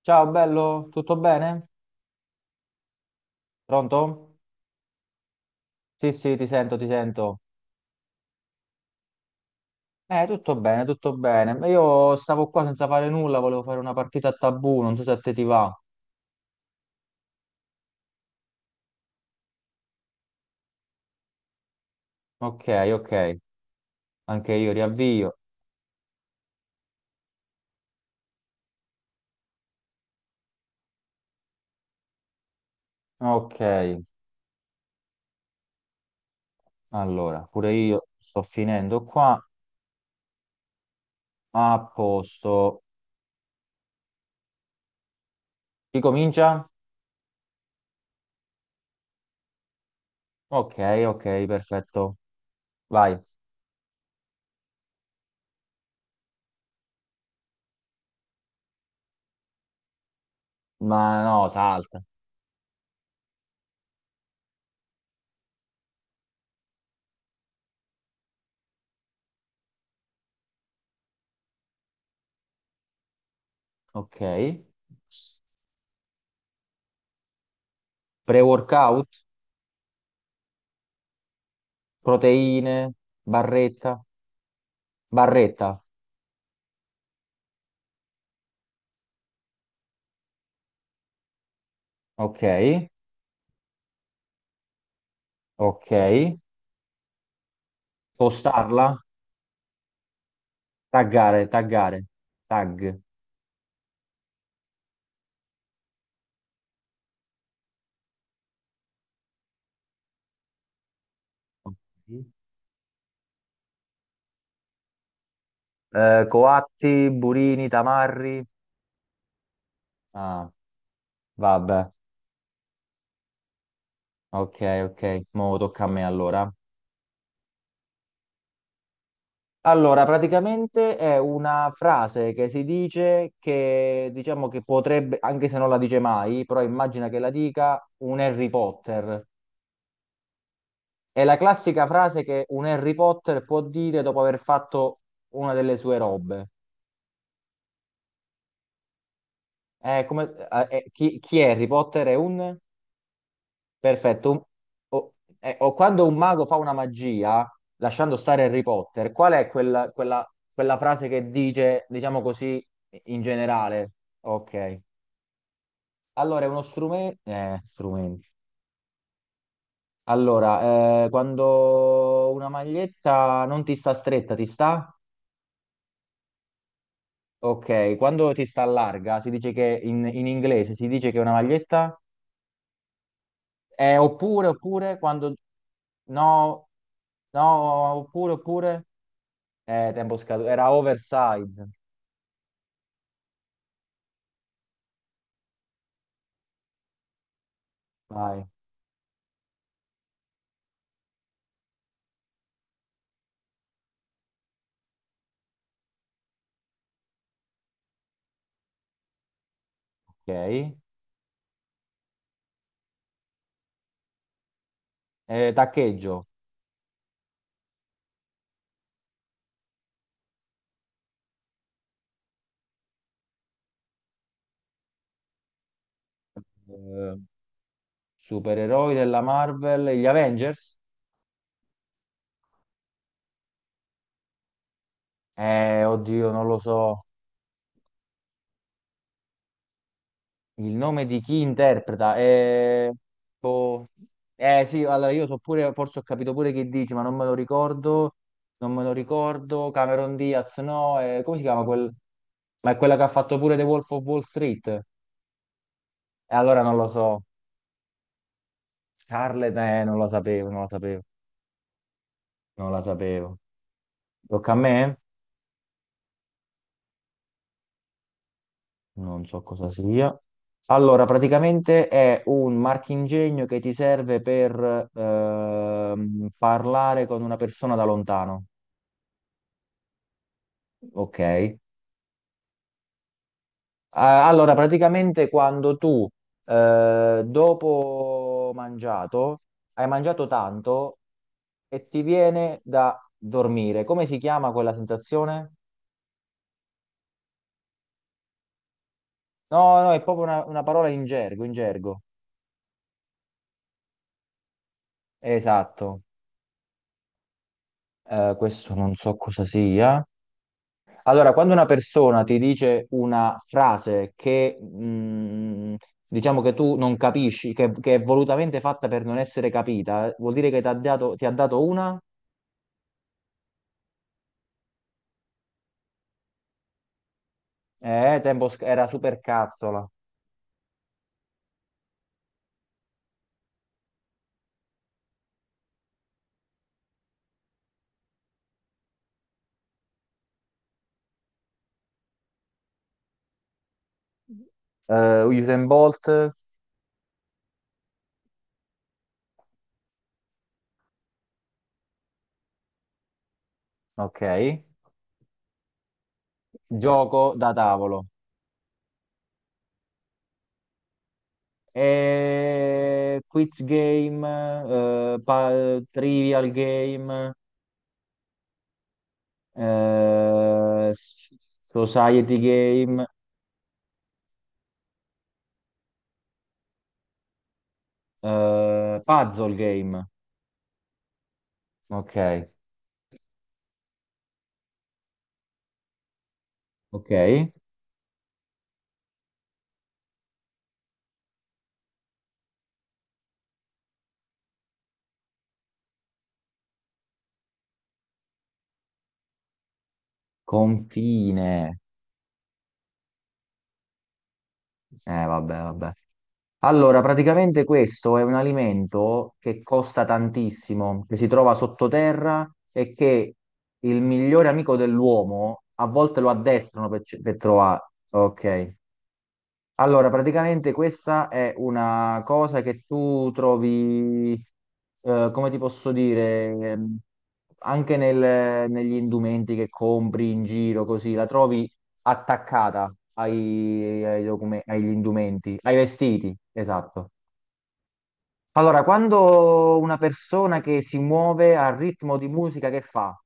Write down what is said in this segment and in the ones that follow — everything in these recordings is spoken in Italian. Ciao bello, tutto bene? Pronto? Sì, sì, ti sento, ti sento. Tutto bene, tutto bene. Ma io stavo qua senza fare nulla, volevo fare una partita a tabù, non so se a te ti va. Ok, ok, anche io riavvio. Ok, allora, pure io sto finendo qua. A posto. Chi comincia? Ok, ok, perfetto. Vai. Ma no, salta. Ok. Pre-workout, proteine, barretta, barretta. Ok. Ok, postarla, taggare, taggare, tag. Ok. Coatti, burini, tamarri. Ah, vabbè, ok, ok, mo tocca a me allora. Allora, praticamente è una frase che si dice che, diciamo che potrebbe, anche se non la dice mai, però immagina che la dica un Harry Potter. È la classica frase che un Harry Potter può dire dopo aver fatto una delle sue robe. Chi, chi è Harry Potter? È un... Perfetto. O, o quando un mago fa una magia, lasciando stare Harry Potter, qual è quella, quella, quella frase che dice, diciamo così, in generale? Ok. Allora, è uno strumento... strumento. Allora, quando una maglietta non ti sta stretta, ti sta? Ok. Quando ti sta larga, si dice che in inglese si dice che è una maglietta... Oppure, oppure, quando... No, no, oppure, oppure... tempo scaduto. Era oversize. Vai. Ok. Taccheggio. Eh, Supereroi della Marvel. Gli Avengers? Oddio, non lo so. Il nome di chi interpreta? Boh. Sì, allora io so pure, forse ho capito pure chi dici, ma non me lo ricordo. Non me lo ricordo. Cameron Diaz, no. Come si chiama quel... Ma è quella che ha fatto pure The Wolf of Wall Street. E allora non lo so. Scarlett, non la sapevo, non la sapevo, non la sapevo. Tocca a me? Non so cosa sia. Allora, praticamente è un marchingegno che ti serve per parlare con una persona da lontano. Ok, allora praticamente quando tu dopo mangiato hai mangiato tanto e ti viene da dormire, come si chiama quella sensazione? No, no, è proprio una parola in gergo, in gergo. Esatto, questo non so cosa sia. Allora, quando una persona ti dice una frase che diciamo che tu non capisci, che è volutamente fatta per non essere capita, vuol dire che ti ha dato una... tempo sc- era super cazzola. Usain Bolt, ok. Gioco da tavolo. Quiz game, trivial game, eh, s- society game, puzzle game. Ok, ok. Confine. Vabbè, vabbè. Allora, praticamente questo è un alimento che costa tantissimo, che si trova sottoterra e che il migliore amico dell'uomo a volte lo addestrano per, ce- per trovare. Ok. Allora, praticamente questa è una cosa che tu trovi, come ti posso dire, ehm, anche nel- negli indumenti che compri in giro, così, la trovi attaccata ai- ai docume- agli indumenti, ai vestiti, esatto. Allora, quando una persona che si muove al ritmo di musica che fa?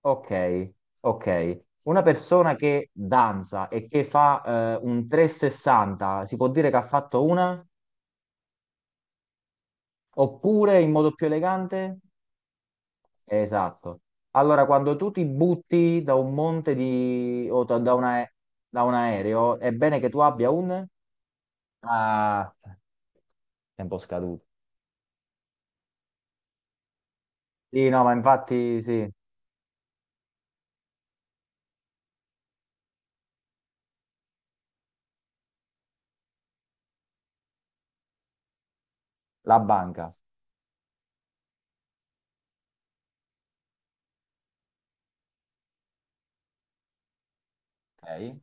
Ok, ok. Una persona che danza e che fa un 360, si può dire che ha fatto una? Oppure in modo più elegante? Esatto. Allora, quando tu ti butti da un monte di... o da da una- da un aereo, è bene che tu abbia un... Ah, tempo scaduto. Sì, no, ma infatti sì, la banca. Ok.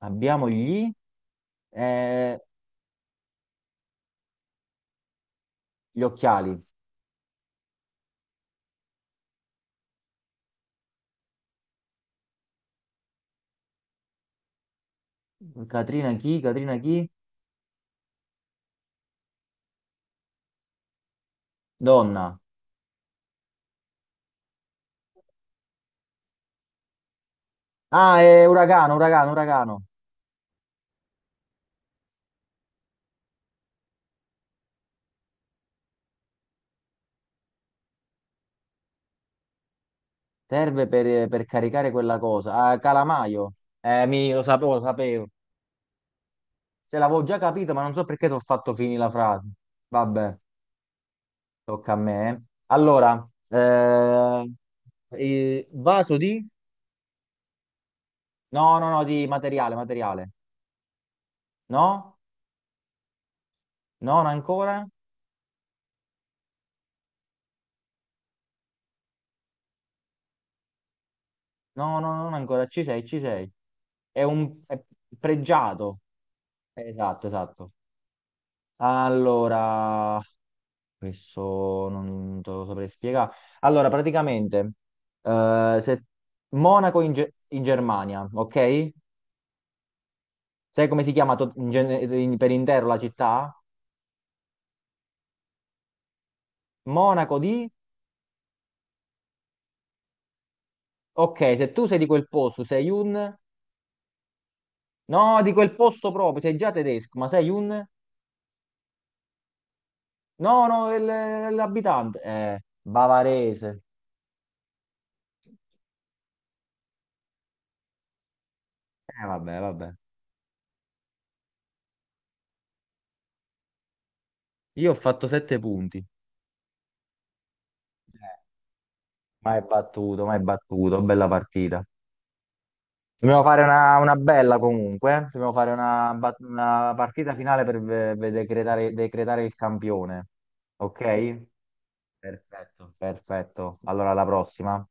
Abbiamo gli, eh, gli occhiali. Catrina chi? Catrina chi? Donna. Ah, è uragano, uragano, uragano. Serve per caricare quella cosa. Ah, calamaio. Lo sapevo, lo sapevo. Cioè, l'avevo già capito, ma non so perché ti ho fatto finire la frase. Vabbè, tocca a me. Allora, vaso di? No, no, no, di materiale, materiale. No? No, non ancora? No, no, non ancora. Ci sei, ci sei. È pregiato. Esatto, esatto. Allora, questo non te lo saprei spiegare. Allora, praticamente, se Monaco in, Ge- in Germania, ok? Sai come si chiama to- in gene- in- per intero la città? Monaco di... Ok, se tu sei di quel posto, sei un... No, di quel posto proprio, sei già tedesco, ma sei un... No, no, il- l'abitante. Bavarese. Vabbè, vabbè. Io ho fatto 7 punti. Eh, Ma è battuto, ma è battuto, bella partita. Dobbiamo fare una bella comunque, eh. Dobbiamo fare una, bat- una partita finale per ve- ve- decretare, decretare il campione. Ok? Perfetto. Perfetto. Allora, alla prossima.